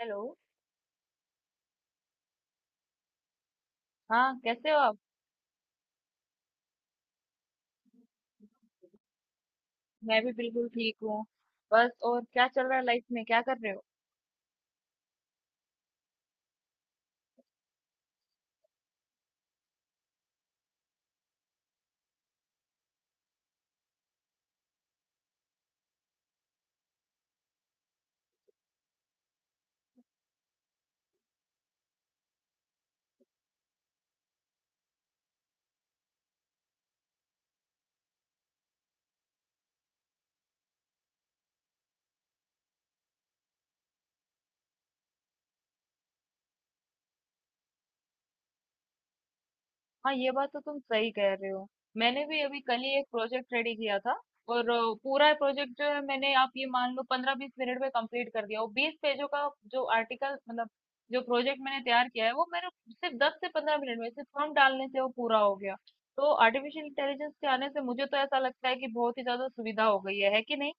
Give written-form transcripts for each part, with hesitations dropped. Hello. हाँ कैसे हो आप। मैं भी बिल्कुल ठीक हूँ। बस और क्या चल रहा है लाइफ में, क्या कर रहे हो? हाँ ये बात तो तुम सही कह रहे हो। मैंने भी अभी कल ही एक प्रोजेक्ट रेडी किया था, और पूरा प्रोजेक्ट जो है मैंने, आप ये मान लो, 15-20 मिनट में कंप्लीट कर दिया, और 20 पेजों का जो आर्टिकल, मतलब जो प्रोजेक्ट मैंने तैयार किया है, वो मेरे सिर्फ 10 से 15 मिनट में सिर्फ फॉर्म डालने से वो पूरा हो गया। तो आर्टिफिशियल इंटेलिजेंस के आने से मुझे तो ऐसा लगता है कि बहुत ही ज्यादा सुविधा हो गई है कि नहीं?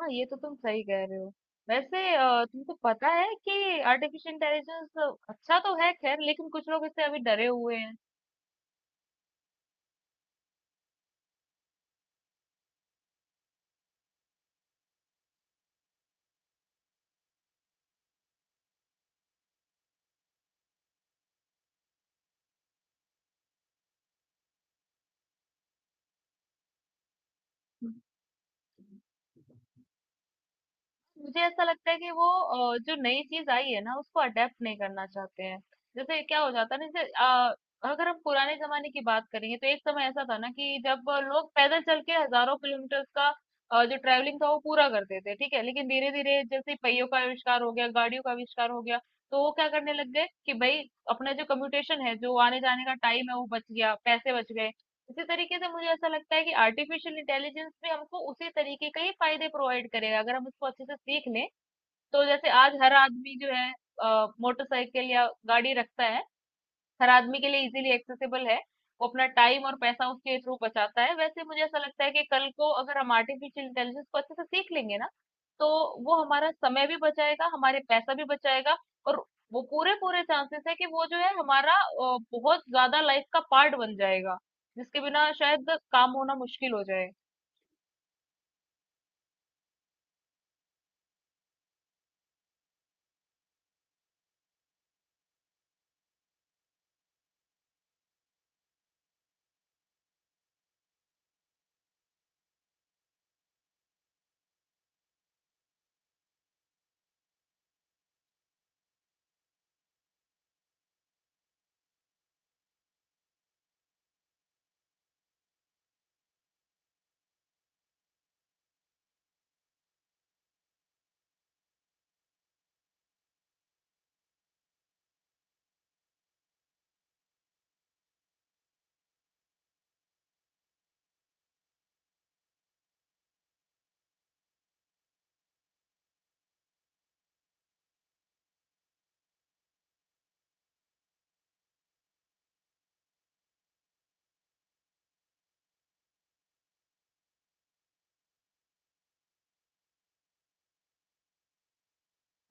हाँ ये तो तुम सही कह रहे हो। वैसे तुमको पता है कि आर्टिफिशियल इंटेलिजेंस अच्छा तो है खैर, लेकिन कुछ लोग इससे अभी डरे हुए हैं। मुझे ऐसा लगता है कि वो जो नई चीज आई है ना उसको अडेप्ट नहीं करना चाहते हैं। जैसे क्या हो जाता है ना, जैसे अगर हम पुराने जमाने की बात करेंगे तो एक समय ऐसा था ना कि जब लोग पैदल चल के हजारों किलोमीटर का जो ट्रैवलिंग था वो पूरा करते थे, ठीक है। लेकिन धीरे धीरे जैसे पहियों का आविष्कार हो गया, गाड़ियों का आविष्कार हो गया, तो वो क्या करने लग गए कि भाई अपना जो कम्यूटेशन है, जो आने जाने का टाइम है वो बच गया, पैसे बच गए। इसी तरीके से मुझे ऐसा लगता है कि आर्टिफिशियल इंटेलिजेंस भी हमको उसी तरीके के ही फायदे प्रोवाइड करेगा, अगर हम उसको अच्छे से सीख लें। तो जैसे आज हर आदमी जो है मोटरसाइकिल या गाड़ी रखता है, हर आदमी के लिए इजीली एक्सेसिबल है, वो अपना टाइम और पैसा उसके थ्रू बचाता है, वैसे मुझे ऐसा लगता है कि कल को अगर हम आर्टिफिशियल इंटेलिजेंस को अच्छे से सीख लेंगे ना, तो वो हमारा समय भी बचाएगा, हमारे पैसा भी बचाएगा। और वो पूरे पूरे चांसेस है कि वो जो है हमारा बहुत ज्यादा लाइफ का पार्ट बन जाएगा, जिसके बिना शायद काम होना मुश्किल हो जाए।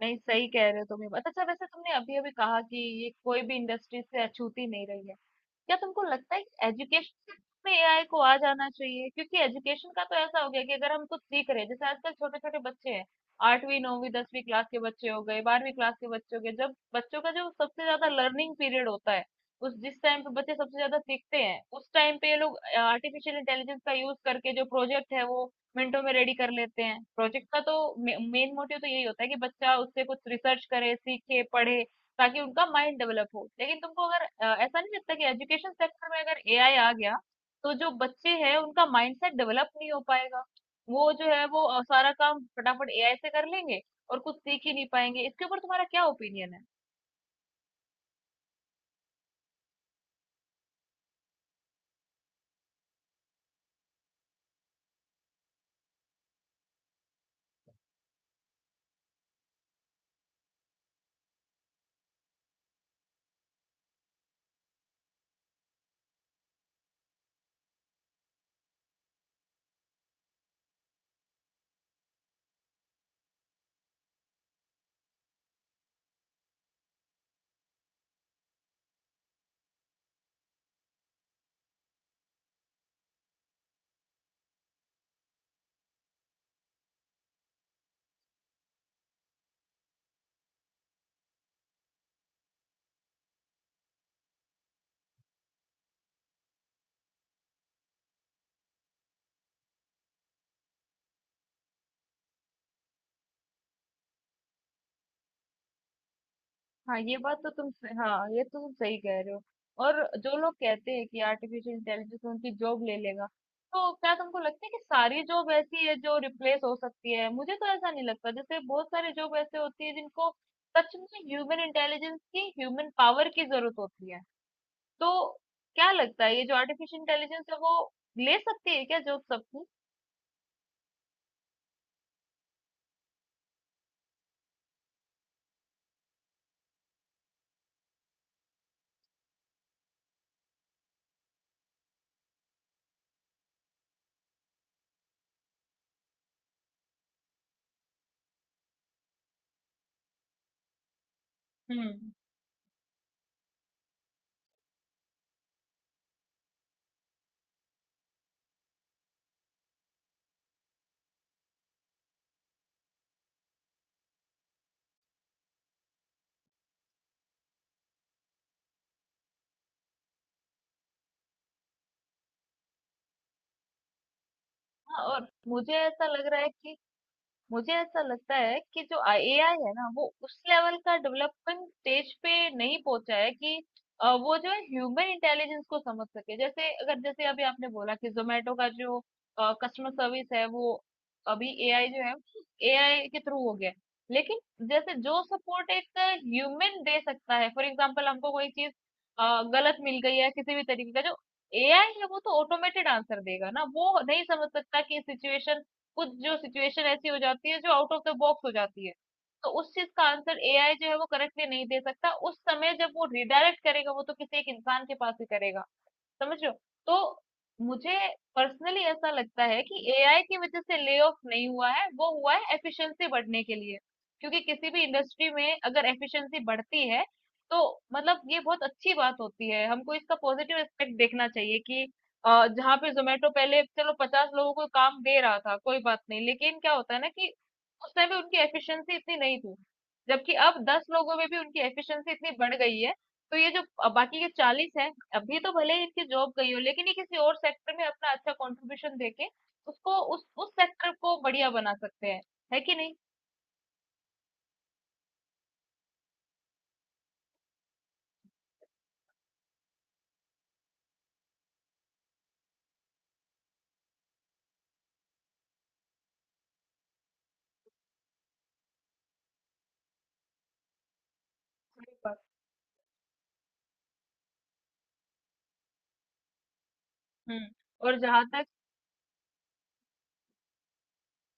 नहीं, सही कह रहे हो तुम ये बात। अच्छा वैसे तुमने अभी अभी कहा कि ये कोई भी इंडस्ट्री से अछूती नहीं रही है। क्या तुमको लगता है कि एजुकेशन में एआई को आ जाना चाहिए? क्योंकि एजुकेशन का तो ऐसा हो गया कि अगर हम कुछ सीख रहे हैं, जैसे आजकल छोटे छोटे बच्चे हैं, आठवीं नौवीं 10वीं क्लास के बच्चे हो गए, 12वीं क्लास के बच्चे हो गए, जब बच्चों का जो सबसे ज्यादा लर्निंग पीरियड होता है, उस जिस टाइम पे बच्चे सबसे ज्यादा सीखते हैं, उस टाइम पे ये लोग आर्टिफिशियल इंटेलिजेंस का यूज करके जो प्रोजेक्ट है वो मिनटों में रेडी कर लेते हैं। प्रोजेक्ट का तो मेन मोटिव तो यही होता है कि बच्चा उससे कुछ रिसर्च करे, सीखे, पढ़े, ताकि उनका माइंड डेवलप हो। लेकिन तुमको अगर ऐसा नहीं लगता कि एजुकेशन सेक्टर में अगर एआई आ गया तो जो बच्चे हैं उनका माइंडसेट डेवलप नहीं हो पाएगा? वो जो है वो सारा काम फटाफट एआई से कर लेंगे और कुछ सीख ही नहीं पाएंगे। इसके ऊपर तुम्हारा क्या ओपिनियन है? हाँ ये बात तो हाँ ये तो तुम सही कह रहे हो। और जो लोग कहते हैं कि आर्टिफिशियल इंटेलिजेंस उनकी जॉब ले लेगा, तो क्या तुमको लगता है कि सारी जॉब ऐसी है जो रिप्लेस हो सकती है? मुझे तो ऐसा नहीं लगता। जैसे बहुत सारे जॉब ऐसे होती है जिनको सच में ह्यूमन इंटेलिजेंस की, ह्यूमन पावर की जरूरत होती है। तो क्या लगता है ये जो आर्टिफिशियल इंटेलिजेंस है वो ले सकती है क्या जॉब सबकी? हम्म। हाँ और मुझे ऐसा लग रहा है कि मुझे ऐसा लगता है कि जो एआई है ना वो उस लेवल का डेवलपमेंट स्टेज पे नहीं पहुंचा है कि वो जो है ह्यूमन इंटेलिजेंस को समझ सके। जैसे अगर जैसे अभी आपने बोला कि जोमेटो का जो कस्टमर सर्विस है वो अभी एआई जो है एआई के थ्रू हो गया है। लेकिन जैसे जो सपोर्ट एक ह्यूमन दे सकता है, फॉर एग्जांपल हमको कोई चीज गलत मिल गई है, किसी भी तरीके का, जो एआई है वो तो ऑटोमेटेड आंसर देगा ना, वो नहीं समझ सकता कि सिचुएशन, कुछ जो सिचुएशन ऐसी हो जाती है जो आउट ऑफ द बॉक्स हो जाती है। तो उस चीज़ का आंसर एआई जो है वो करेक्टली नहीं दे सकता। उस समय जब वो रिडायरेक्ट करेगा वो तो किसी एक इंसान के पास ही करेगा। समझ रहे हो? तो मुझे पर्सनली ऐसा लगता है कि एआई की वजह से ले ऑफ नहीं हुआ है, वो हुआ है एफिशिएंसी बढ़ने के लिए। क्योंकि किसी भी इंडस्ट्री में अगर एफिशिएंसी बढ़ती है तो मतलब ये बहुत अच्छी बात होती है। हमको इसका पॉजिटिव एस्पेक्ट देखना चाहिए कि जहाँ पे जोमेटो पहले चलो 50 लोगों को काम दे रहा था, कोई बात नहीं, लेकिन क्या होता है ना कि उस टाइम पे उनकी एफिशिएंसी इतनी नहीं थी, जबकि अब 10 लोगों में भी उनकी एफिशिएंसी इतनी बढ़ गई है। तो ये जो बाकी के 40 हैं, अभी तो भले ही इनकी जॉब गई हो, लेकिन ये किसी और सेक्टर में अपना अच्छा कंट्रीब्यूशन देके उसको उस सेक्टर को बढ़िया बना सकते हैं, है कि नहीं? सही बात। हम्म। और जहां तक,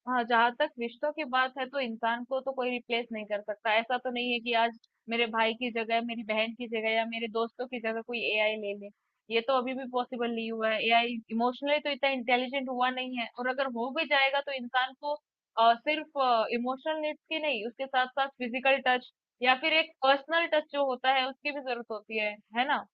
हाँ जहां तक रिश्तों की बात है तो इंसान को तो कोई रिप्लेस नहीं कर सकता। ऐसा तो नहीं है कि आज मेरे भाई की जगह, मेरी बहन की जगह या मेरे दोस्तों की जगह कोई एआई ले ले। ये तो अभी भी पॉसिबल नहीं हुआ है। एआई इमोशनली तो इतना इंटेलिजेंट हुआ नहीं है, और अगर हो भी जाएगा तो इंसान को सिर्फ इमोशनल नीड्स की नहीं, उसके साथ साथ फिजिकल टच या फिर एक पर्सनल टच जो होता है उसकी भी जरूरत होती है ना?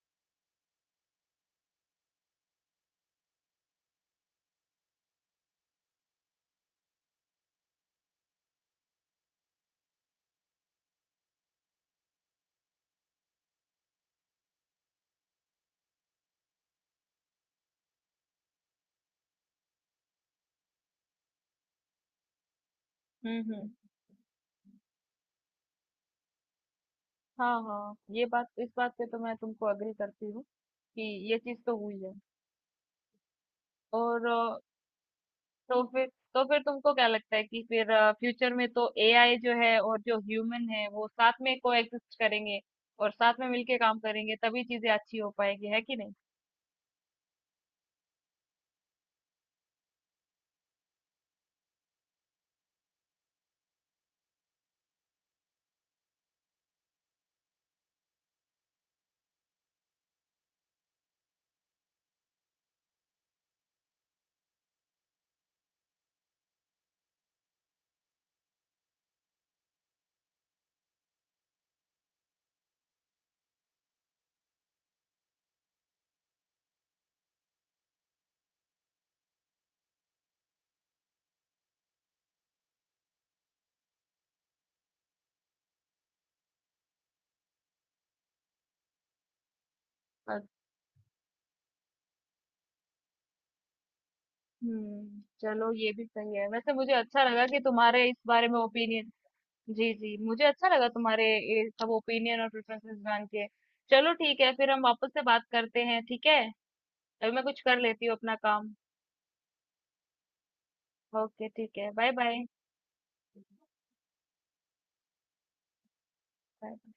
हम्म। हम्म। हाँ हाँ ये बात, इस बात पे तो मैं तुमको अग्री करती हूँ कि ये चीज तो हुई है। और तो फिर तो फिर तुमको क्या लगता है कि फिर फ्यूचर में तो एआई जो है और जो ह्यूमन है वो साथ में कोएग्जिस्ट करेंगे और साथ में मिलके काम करेंगे, तभी चीजें अच्छी हो पाएगी, है कि नहीं? अ- हम्म, चलो ये भी सही है। वैसे मुझे अच्छा लगा कि तुम्हारे इस बारे में ओपिनियन। जी जी मुझे अच्छा लगा तुम्हारे ये सब ओपिनियन और प्रेफरेंसेस जान के। चलो ठीक है, फिर हम वापस से बात करते हैं, ठीक है। अभी मैं कुछ कर लेती हूँ अपना काम। ओके ठीक है, बाय। बाय।